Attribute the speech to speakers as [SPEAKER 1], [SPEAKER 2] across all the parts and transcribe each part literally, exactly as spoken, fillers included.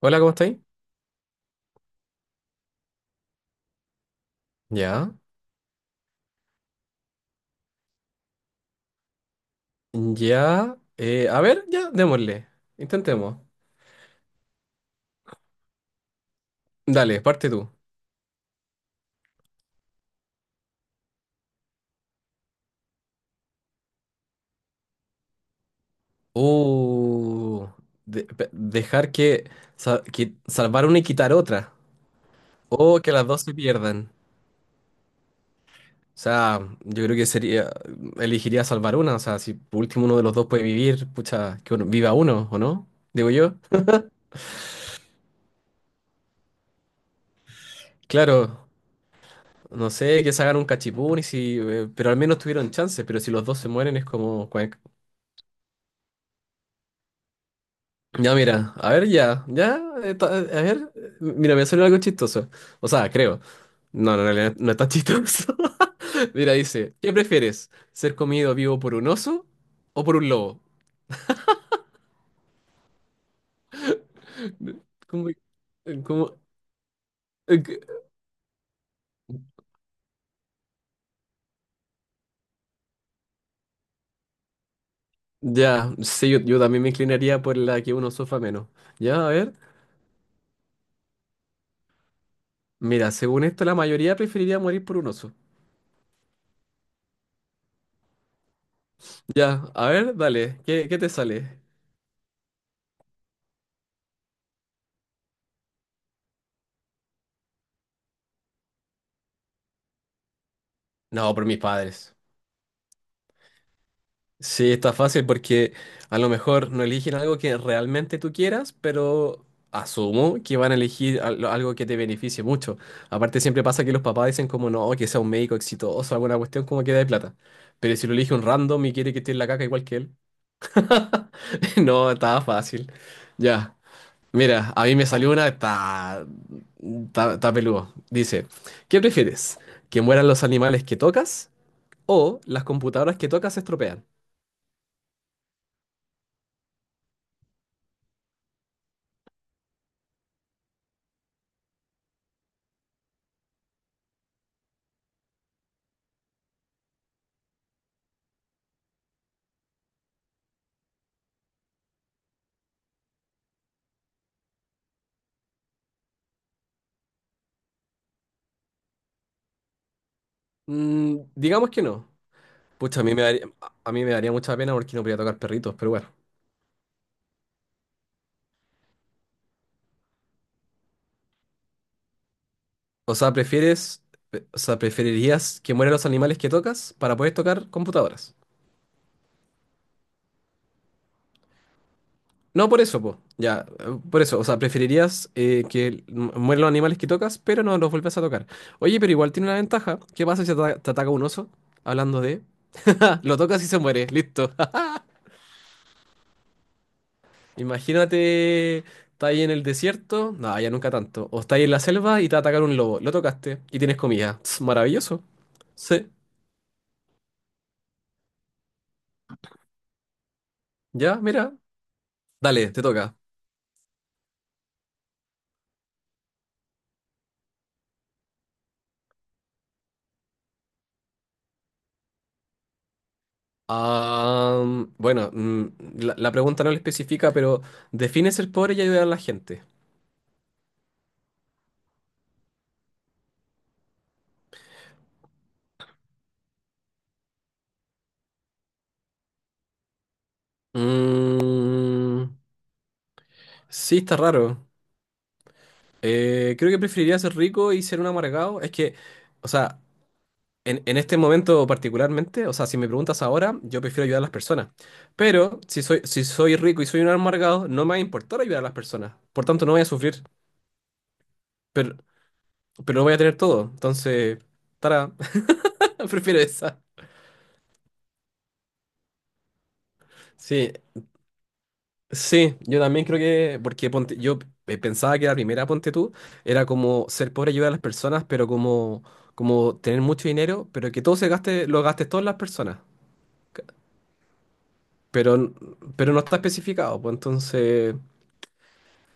[SPEAKER 1] Hola, ¿cómo estáis? Ya, ya. eh, a ver, ya, démosle. Intentemos. Dale, parte tú. Uh, de- pe- dejar que, sa- que salvar una y quitar otra. O que las dos se pierdan. O sea, yo creo que sería, elegiría salvar una. O sea, si por último uno de los dos puede vivir, pucha, que uno- viva uno, ¿o no? Digo yo. Claro, no sé, que se hagan un cachipún y si, eh, pero al menos tuvieron chance. Pero si los dos se mueren es como, ya, mira, a ver, ya, ya, eh, ta- eh, a ver, eh, mira, me salió algo chistoso. O sea, creo. No, no, en realidad no es tan chistoso. Mira, dice, ¿qué prefieres? ¿Ser comido vivo por un oso o por un lobo? ¿Cómo? eh, ¿Cómo? eh, qué- Ya, sí, yo, yo también me inclinaría por la que un oso fa menos. Ya, a ver, mira, según esto, la mayoría preferiría morir por un oso. Ya, a ver, dale, ¿qué, qué te sale? No, por mis padres. Sí, está fácil porque a lo mejor no eligen algo que realmente tú quieras, pero asumo que van a elegir al- algo que te beneficie mucho. Aparte siempre pasa que los papás dicen como no, que sea un médico exitoso, alguna cuestión como que de plata. Pero si lo elige un random y quiere que esté en la caca igual que él. No, estaba fácil. Ya. Mira, a mí me salió una, está, está, está peludo. Dice, ¿qué prefieres? ¿Que mueran los animales que tocas o las computadoras que tocas se estropean? Mm, digamos que no. Pucha, a mí me daría, a mí me daría mucha pena porque no podría tocar perritos, pero bueno. O sea, prefieres, o sea, preferirías que mueran los animales que tocas para poder tocar computadoras. No por eso, po. Ya, eh, por eso. O sea, preferirías eh, que mu- mueran los animales que tocas, pero no los vuelves a tocar. Oye, pero igual tiene una ventaja. ¿Qué pasa si te, ata- te ataca un oso? Hablando de... Lo tocas y se muere. Listo. Imagínate, está ahí en el desierto, no, ya nunca tanto, o está ahí en la selva y te va a atacar un lobo, lo tocaste y tienes comida. Tss, maravilloso. Sí, ya, mira, dale, te toca. Ah, bueno, mm, la, la pregunta no lo especifica, pero ¿define ser pobre y ayudar a la gente? Mm, sí, está raro. Eh, creo que preferiría ser rico y ser un amargado. Es que, o sea, En, en este momento particularmente, o sea, si me preguntas ahora, yo prefiero ayudar a las personas. Pero si soy, si soy rico y soy un amargado, no me va a importar ayudar a las personas. Por tanto, no voy a sufrir, pero, pero no voy a tener todo. Entonces, para, prefiero esa. Sí, sí, yo también creo que, porque ponte, yo eh, pensaba que la primera, ponte tú, era como ser pobre ayudar a las personas, pero como, como tener mucho dinero, pero que todo se gaste, lo gastes todas las personas. Ca- Pero, n- pero no está especificado, pues entonces...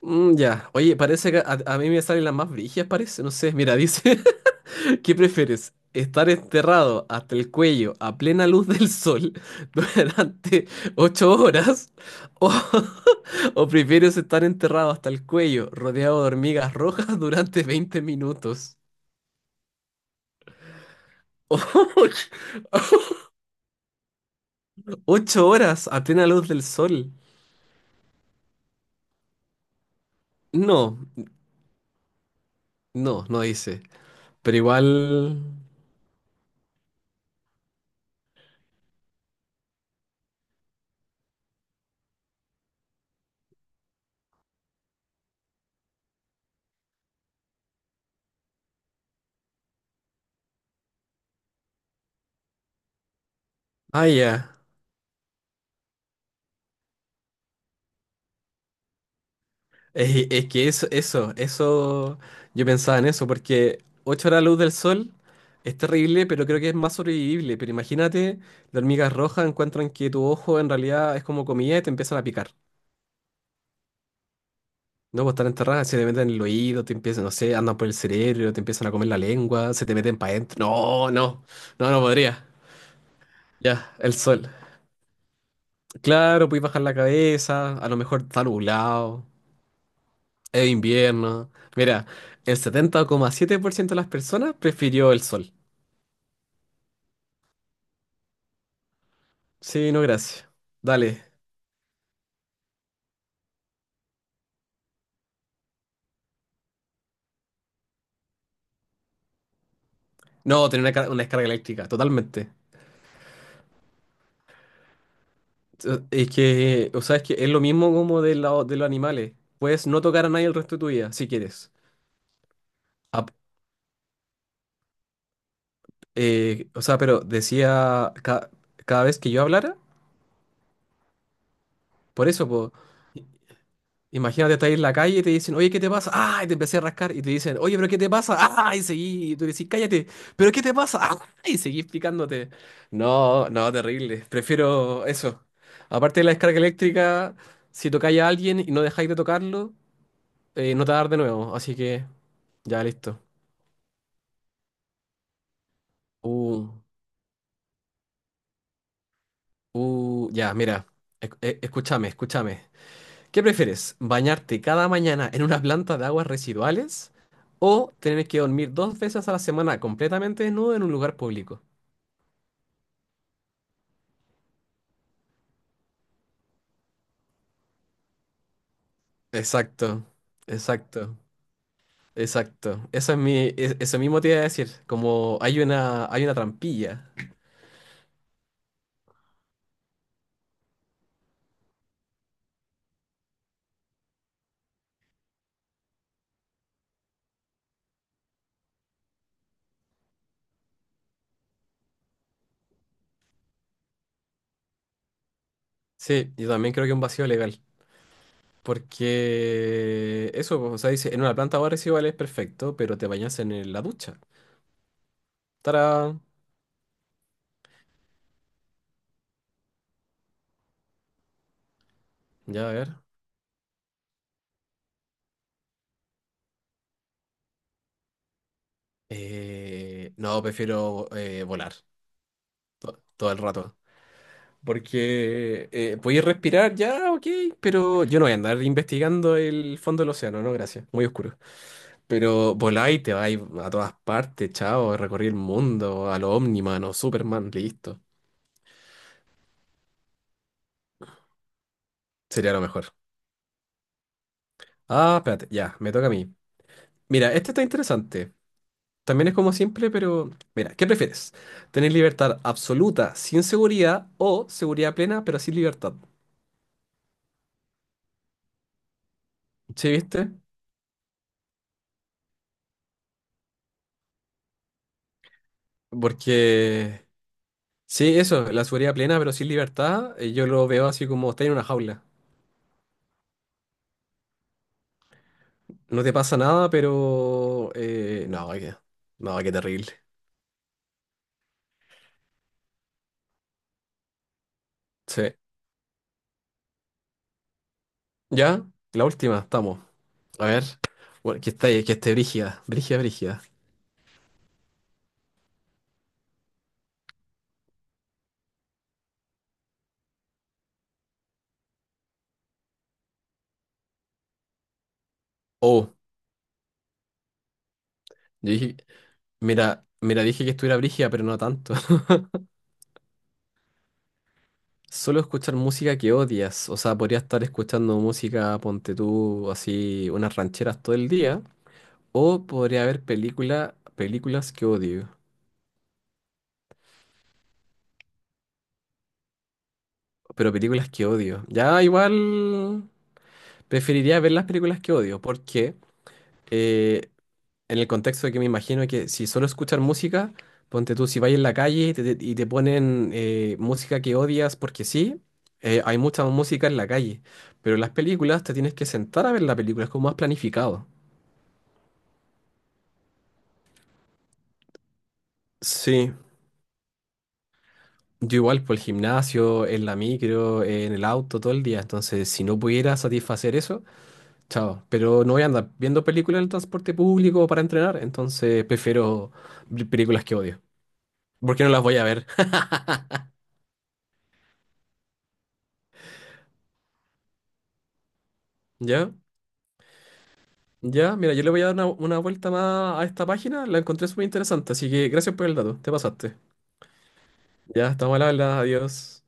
[SPEAKER 1] Mm, ya, oye, parece que a, a mí me salen las más brígidas, parece, no sé, mira, dice, ¿qué prefieres? ¿Estar enterrado hasta el cuello a plena luz del sol durante ocho horas? ¿O, o prefieres estar enterrado hasta el cuello rodeado de hormigas rojas durante veinte minutos? ¿Ocho horas a plena luz del sol? No, no, no dice, pero igual... Ah, ya. Es, es que eso, eso, eso, yo pensaba en eso, porque ocho horas luz del sol es terrible, pero creo que es más sobrevivible. Pero imagínate, las hormigas rojas encuentran que tu ojo en realidad es como comida y te empiezan a picar. No, pues están enterradas, se te meten en el oído, te empiezan, no sé, andan por el cerebro, te empiezan a comer la lengua, se te meten para adentro. No, no, no, no podría. Ya, el sol. Claro, puedes bajar la cabeza, a lo mejor está nublado. Es invierno. Mira, el setenta coma siete por ciento de las personas prefirió el sol. Sí, no, gracias. Dale. No, tener una, car- una descarga eléctrica, totalmente. Es que, o sea, es que es lo mismo como de, la- de los animales. Puedes no tocar a nadie el resto de tu vida, si quieres. Ap- eh, o sea, pero decía ca- cada vez que yo hablara, por eso, po. Imagínate, estar en la calle y te dicen, oye, ¿qué te pasa? ¡Ah! Y te empecé a rascar. Y te dicen, oye, ¿pero qué te pasa? ¡Ah! Y seguí. Y tú decís, cállate. ¿Pero qué te pasa? ¡Ah! Y seguís picándote. No, no, terrible. Prefiero eso. Aparte de la descarga eléctrica, si tocáis a alguien y no dejáis de tocarlo, eh, no te va a dar de nuevo. Así que, ya, listo. Uh, uh, ya, mira. Esc- eh, escúchame, escúchame. ¿Qué prefieres? ¿Bañarte cada mañana en una planta de aguas residuales o tener que dormir dos veces a la semana completamente desnudo en un lugar público? Exacto, exacto, exacto. Eso es mi, e- eso mismo te iba a decir. Como hay una, hay una trampilla. Sí, yo también creo que un vacío legal. Porque eso, pues, o sea, dice, en una planta de aguas residuales perfecto, pero te bañas en el- la ducha. Tará. Ya, a ver. Eh, no, prefiero eh, volar todo el rato. Porque eh, podéis respirar ya, ok, pero yo no voy a andar investigando el fondo del océano, no, gracias, muy oscuro. Pero voláis, te vais a todas partes, chao, recorrí el mundo, a lo Omniman o Superman, listo. Sería lo mejor. Ah, espérate, ya, me toca a mí. Mira, este está interesante. También es como siempre, pero mira, ¿qué prefieres? ¿Tener libertad absoluta sin seguridad o seguridad plena pero sin libertad? ¿Sí viste? Porque sí, eso, la seguridad plena, pero sin libertad, eh, yo lo veo así como estar en una jaula. No te pasa nada, pero... eh, no, qué, no, qué terrible. Sí. Ya, la última, estamos. A ver. Bueno, que esté, que esté brígida, brígida, brígida. Oh, yo dije, mira, mira, dije que estuviera brígida, pero no tanto. Solo escuchar música que odias. O sea, podría estar escuchando música, ponte tú, así, unas rancheras todo el día. O podría haber película, películas que odio. Pero películas que odio. Ya igual preferiría ver las películas que odio, porque eh, en el contexto de que me imagino que si solo escuchar música, ponte tú, si vas en la calle y te, te- y te ponen eh, música que odias porque sí, eh, hay mucha música en la calle, pero en las películas te tienes que sentar a ver la película, es como más planificado. Sí, yo igual por el gimnasio, en la micro, en el auto, todo el día, entonces si no pudiera satisfacer eso... Chao. Pero no voy a andar viendo películas en el transporte público para entrenar, entonces prefiero vi- películas que odio. Porque no las voy a ver. ¿Ya? Ya, mira, yo le voy a dar una, una vuelta más a esta página. La encontré súper interesante, así que gracias por el dato. Te pasaste. Ya, estamos al habla. Adiós.